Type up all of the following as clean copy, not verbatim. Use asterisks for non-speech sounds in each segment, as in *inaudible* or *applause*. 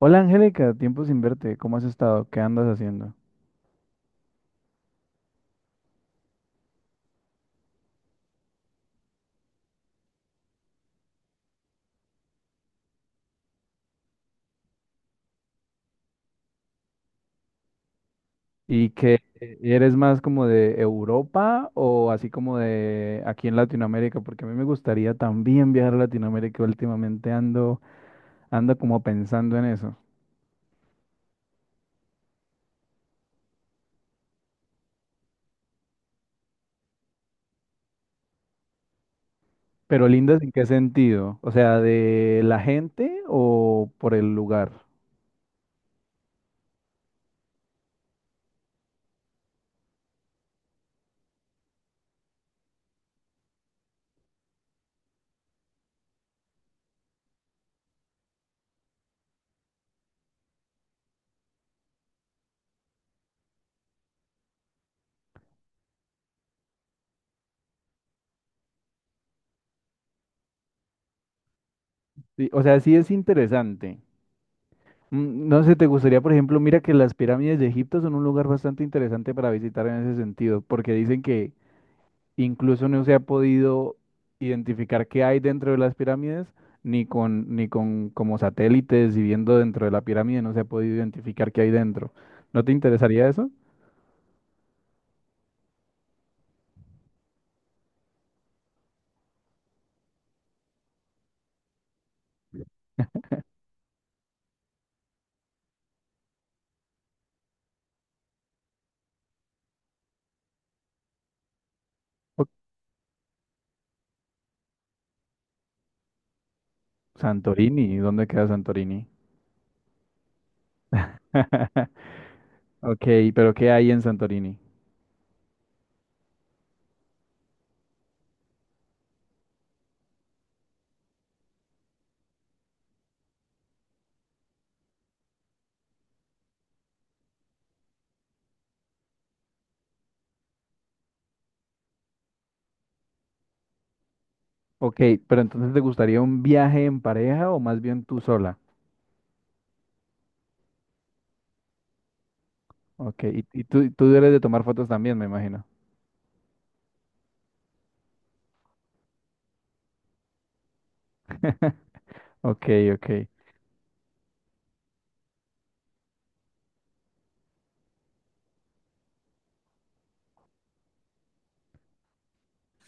Hola Angélica, tiempo sin verte, ¿cómo has estado? ¿Qué andas haciendo? ¿Y que eres más como de Europa o así como de aquí en Latinoamérica? Porque a mí me gustaría también viajar a Latinoamérica, últimamente ando como pensando en eso. Pero lindas, ¿en qué sentido? O sea, ¿de la gente o por el lugar? Sí, o sea, sí es interesante. No sé, ¿te gustaría, por ejemplo, mira que las pirámides de Egipto son un lugar bastante interesante para visitar en ese sentido, porque dicen que incluso no se ha podido identificar qué hay dentro de las pirámides, ni con como satélites y viendo dentro de la pirámide no se ha podido identificar qué hay dentro. ¿No te interesaría eso? O- Santorini, ¿dónde queda Santorini? *laughs* Ok, pero ¿qué hay en Santorini? Ok, pero entonces ¿te gustaría un viaje en pareja o más bien tú sola? Ok, y tú eres de tomar fotos también, me imagino. Ok, ok.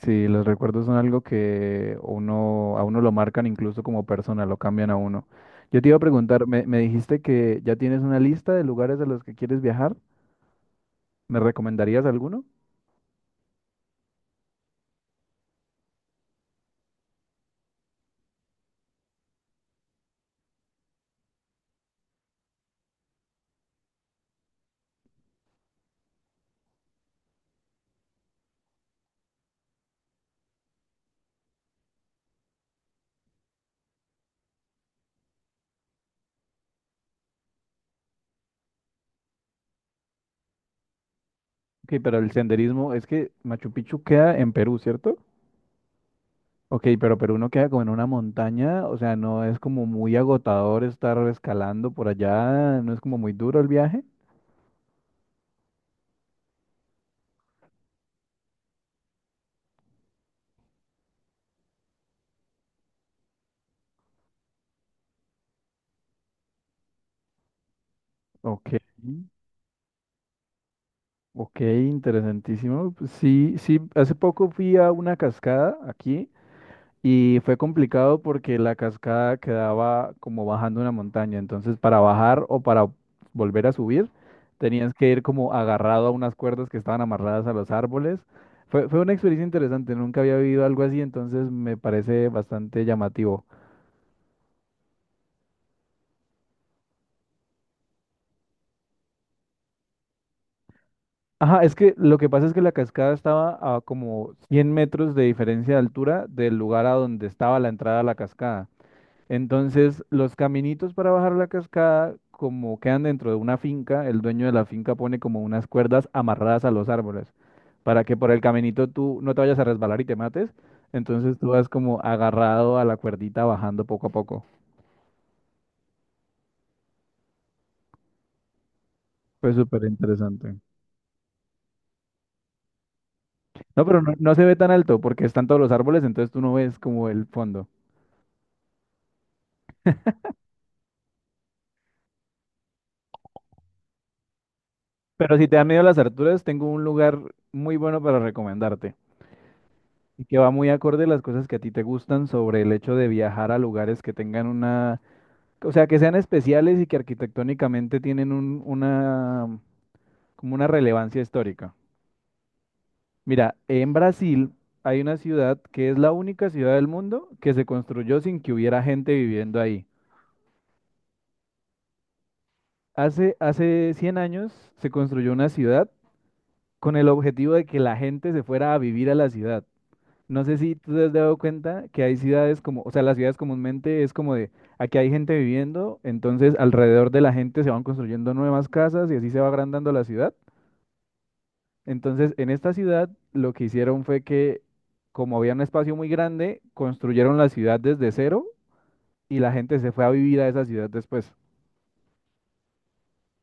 Sí, los recuerdos son algo que uno, a uno lo marcan incluso como persona, lo cambian a uno. Yo te iba a preguntar, me dijiste que ya tienes una lista de lugares a los que quieres viajar. ¿Me recomendarías alguno? Ok, pero el senderismo es que Machu Picchu queda en Perú, ¿cierto? Ok, pero Perú no queda como en una montaña, o sea, no es como muy agotador estar escalando por allá, no es como muy duro el viaje. Ok, ok, interesantísimo. Pues sí, sí, hace poco fui a una cascada aquí y fue complicado porque la cascada quedaba como bajando una montaña. Entonces, para bajar o para volver a subir, tenías que ir como agarrado a unas cuerdas que estaban amarradas a los árboles. Fue una experiencia interesante, nunca había vivido algo así, entonces me parece bastante llamativo. Ajá, es que lo que pasa es que la cascada estaba a como 100 metros de diferencia de altura del lugar a donde estaba la entrada a la cascada. Entonces, los caminitos para bajar la cascada, como quedan dentro de una finca, el dueño de la finca pone como unas cuerdas amarradas a los árboles para que por el caminito tú no te vayas a resbalar y te mates. Entonces tú vas como agarrado a la cuerdita bajando poco a poco. Fue súper interesante. No, pero no, no se ve tan alto porque están todos los árboles, entonces tú no ves como el fondo. Pero si te da miedo las alturas, tengo un lugar muy bueno para recomendarte. Y que va muy acorde a las cosas que a ti te gustan sobre el hecho de viajar a lugares que tengan una, o sea, que sean especiales y que arquitectónicamente tienen una, como una relevancia histórica. Mira, en Brasil hay una ciudad que es la única ciudad del mundo que se construyó sin que hubiera gente viviendo ahí. Hace 100 años se construyó una ciudad con el objetivo de que la gente se fuera a vivir a la ciudad. No sé si tú te has dado cuenta que hay ciudades como, o sea, las ciudades comúnmente es como de, aquí hay gente viviendo, entonces alrededor de la gente se van construyendo nuevas casas y así se va agrandando la ciudad. Entonces, en esta ciudad lo que hicieron fue que, como había un espacio muy grande, construyeron la ciudad desde cero y la gente se fue a vivir a esa ciudad después.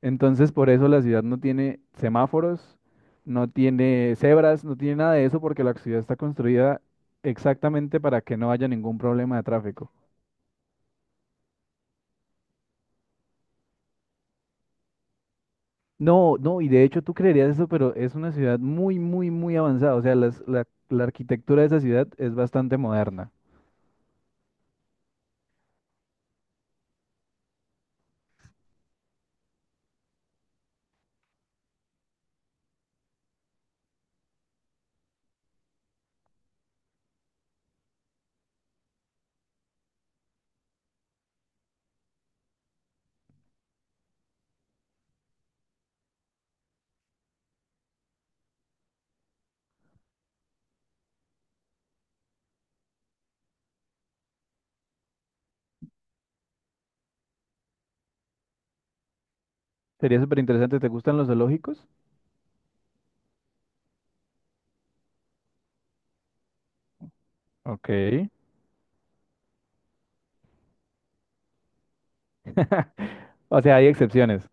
Entonces, por eso la ciudad no tiene semáforos, no tiene cebras, no tiene nada de eso porque la ciudad está construida exactamente para que no haya ningún problema de tráfico. No, no, y de hecho tú creerías eso, pero es una ciudad muy, muy, muy avanzada. O sea, la arquitectura de esa ciudad es bastante moderna. Sería súper interesante. ¿Te gustan los zoológicos? Ok. *laughs* O sea, hay excepciones.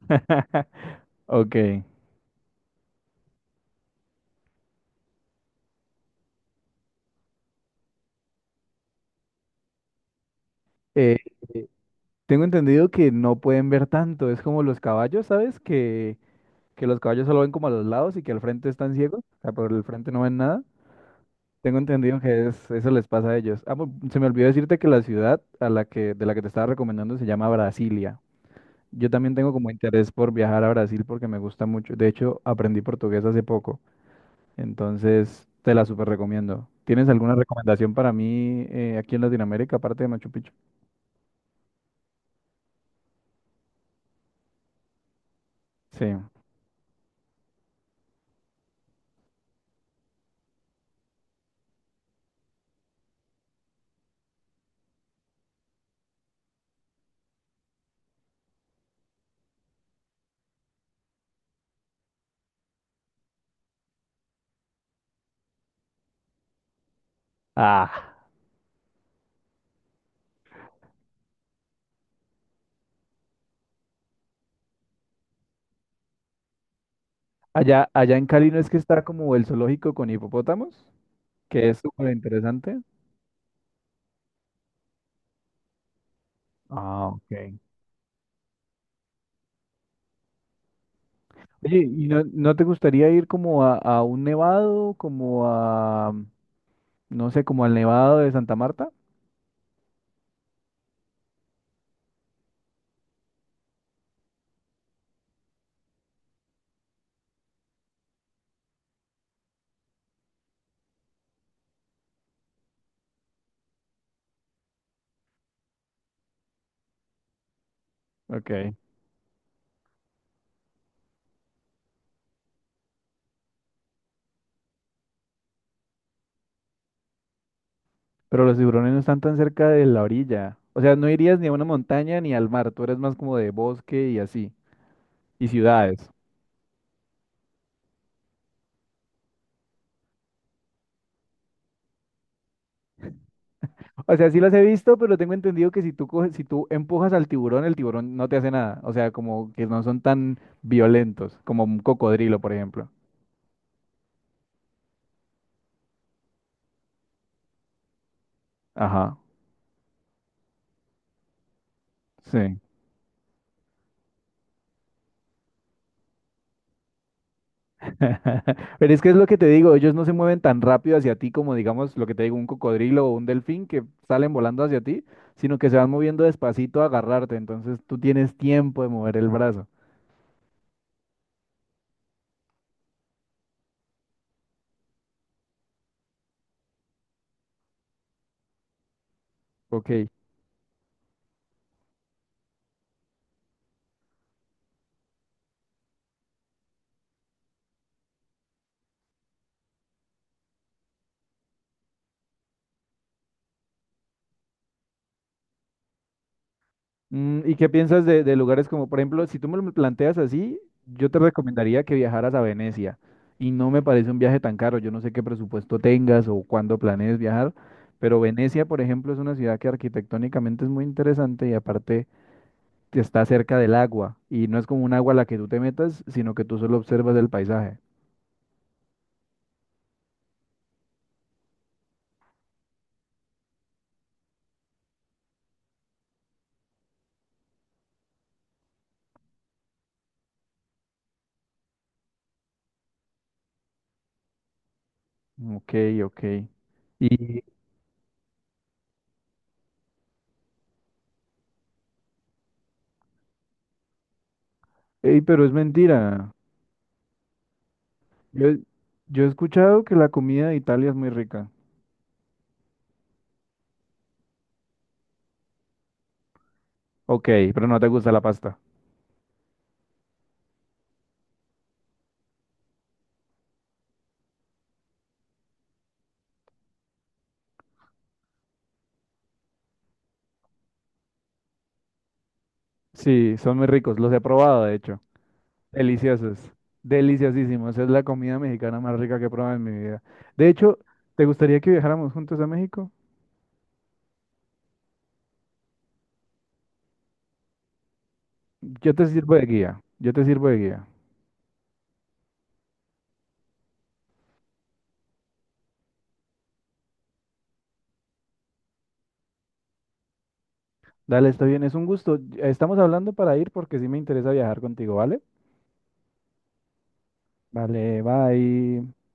*laughs* Ok. Eh, tengo entendido que no pueden ver tanto. Es como los caballos, ¿sabes? Que los caballos solo ven como a los lados y que al frente están ciegos. O sea, por el frente no ven nada. Tengo entendido que es, eso les pasa a ellos. Ah, se me olvidó decirte que la ciudad a la que, de la que te estaba recomendando se llama Brasilia. Yo también tengo como interés por viajar a Brasil porque me gusta mucho. De hecho, aprendí portugués hace poco, entonces te la súper recomiendo. ¿Tienes alguna recomendación para mí aquí en Latinoamérica, aparte de Machu Picchu? Sí. Ah, allá en Cali no es que está como el zoológico con hipopótamos, que es súper interesante. Ah, ok. Oye, ¿y no te gustaría ir como a un nevado, como a, no sé, como al nevado de Santa Marta? Ok. Pero los tiburones no están tan cerca de la orilla. O sea, no irías ni a una montaña ni al mar, tú eres más como de bosque y así, y ciudades. O sea, sí las he visto, pero tengo entendido que si tú coges, si tú empujas al tiburón, el tiburón no te hace nada. O sea, como que no son tan violentos, como un cocodrilo, por ejemplo. Ajá, sí. *laughs* Pero es que es lo que te digo, ellos no se mueven tan rápido hacia ti como, digamos, lo que te digo, un cocodrilo o un delfín que salen volando hacia ti, sino que se van moviendo despacito a agarrarte. Entonces tú tienes tiempo de mover el brazo. Ok. ¿Y qué piensas de lugares como, por ejemplo, si tú me lo planteas así, yo te recomendaría que viajaras a Venecia. Y no me parece un viaje tan caro. Yo no sé qué presupuesto tengas o cuándo planees viajar, pero Venecia, por ejemplo, es una ciudad que arquitectónicamente es muy interesante y aparte que está cerca del agua. Y no es como un agua a la que tú te metas, sino que tú solo observas el paisaje. Ok, ok. Y, ey, pero es mentira. Yo, yo he escuchado que la comida de Italia es muy rica. Ok, pero no te gusta la pasta. Sí, son muy ricos, los he probado, de hecho. Deliciosos, deliciosísimos. Es la comida mexicana más rica que he probado en mi vida. De hecho, ¿te gustaría que viajáramos juntos a México? Yo te sirvo de guía, yo te sirvo de guía. Dale, está bien, es un gusto. Estamos hablando para ir porque sí me interesa viajar contigo, ¿vale? Vale, bye.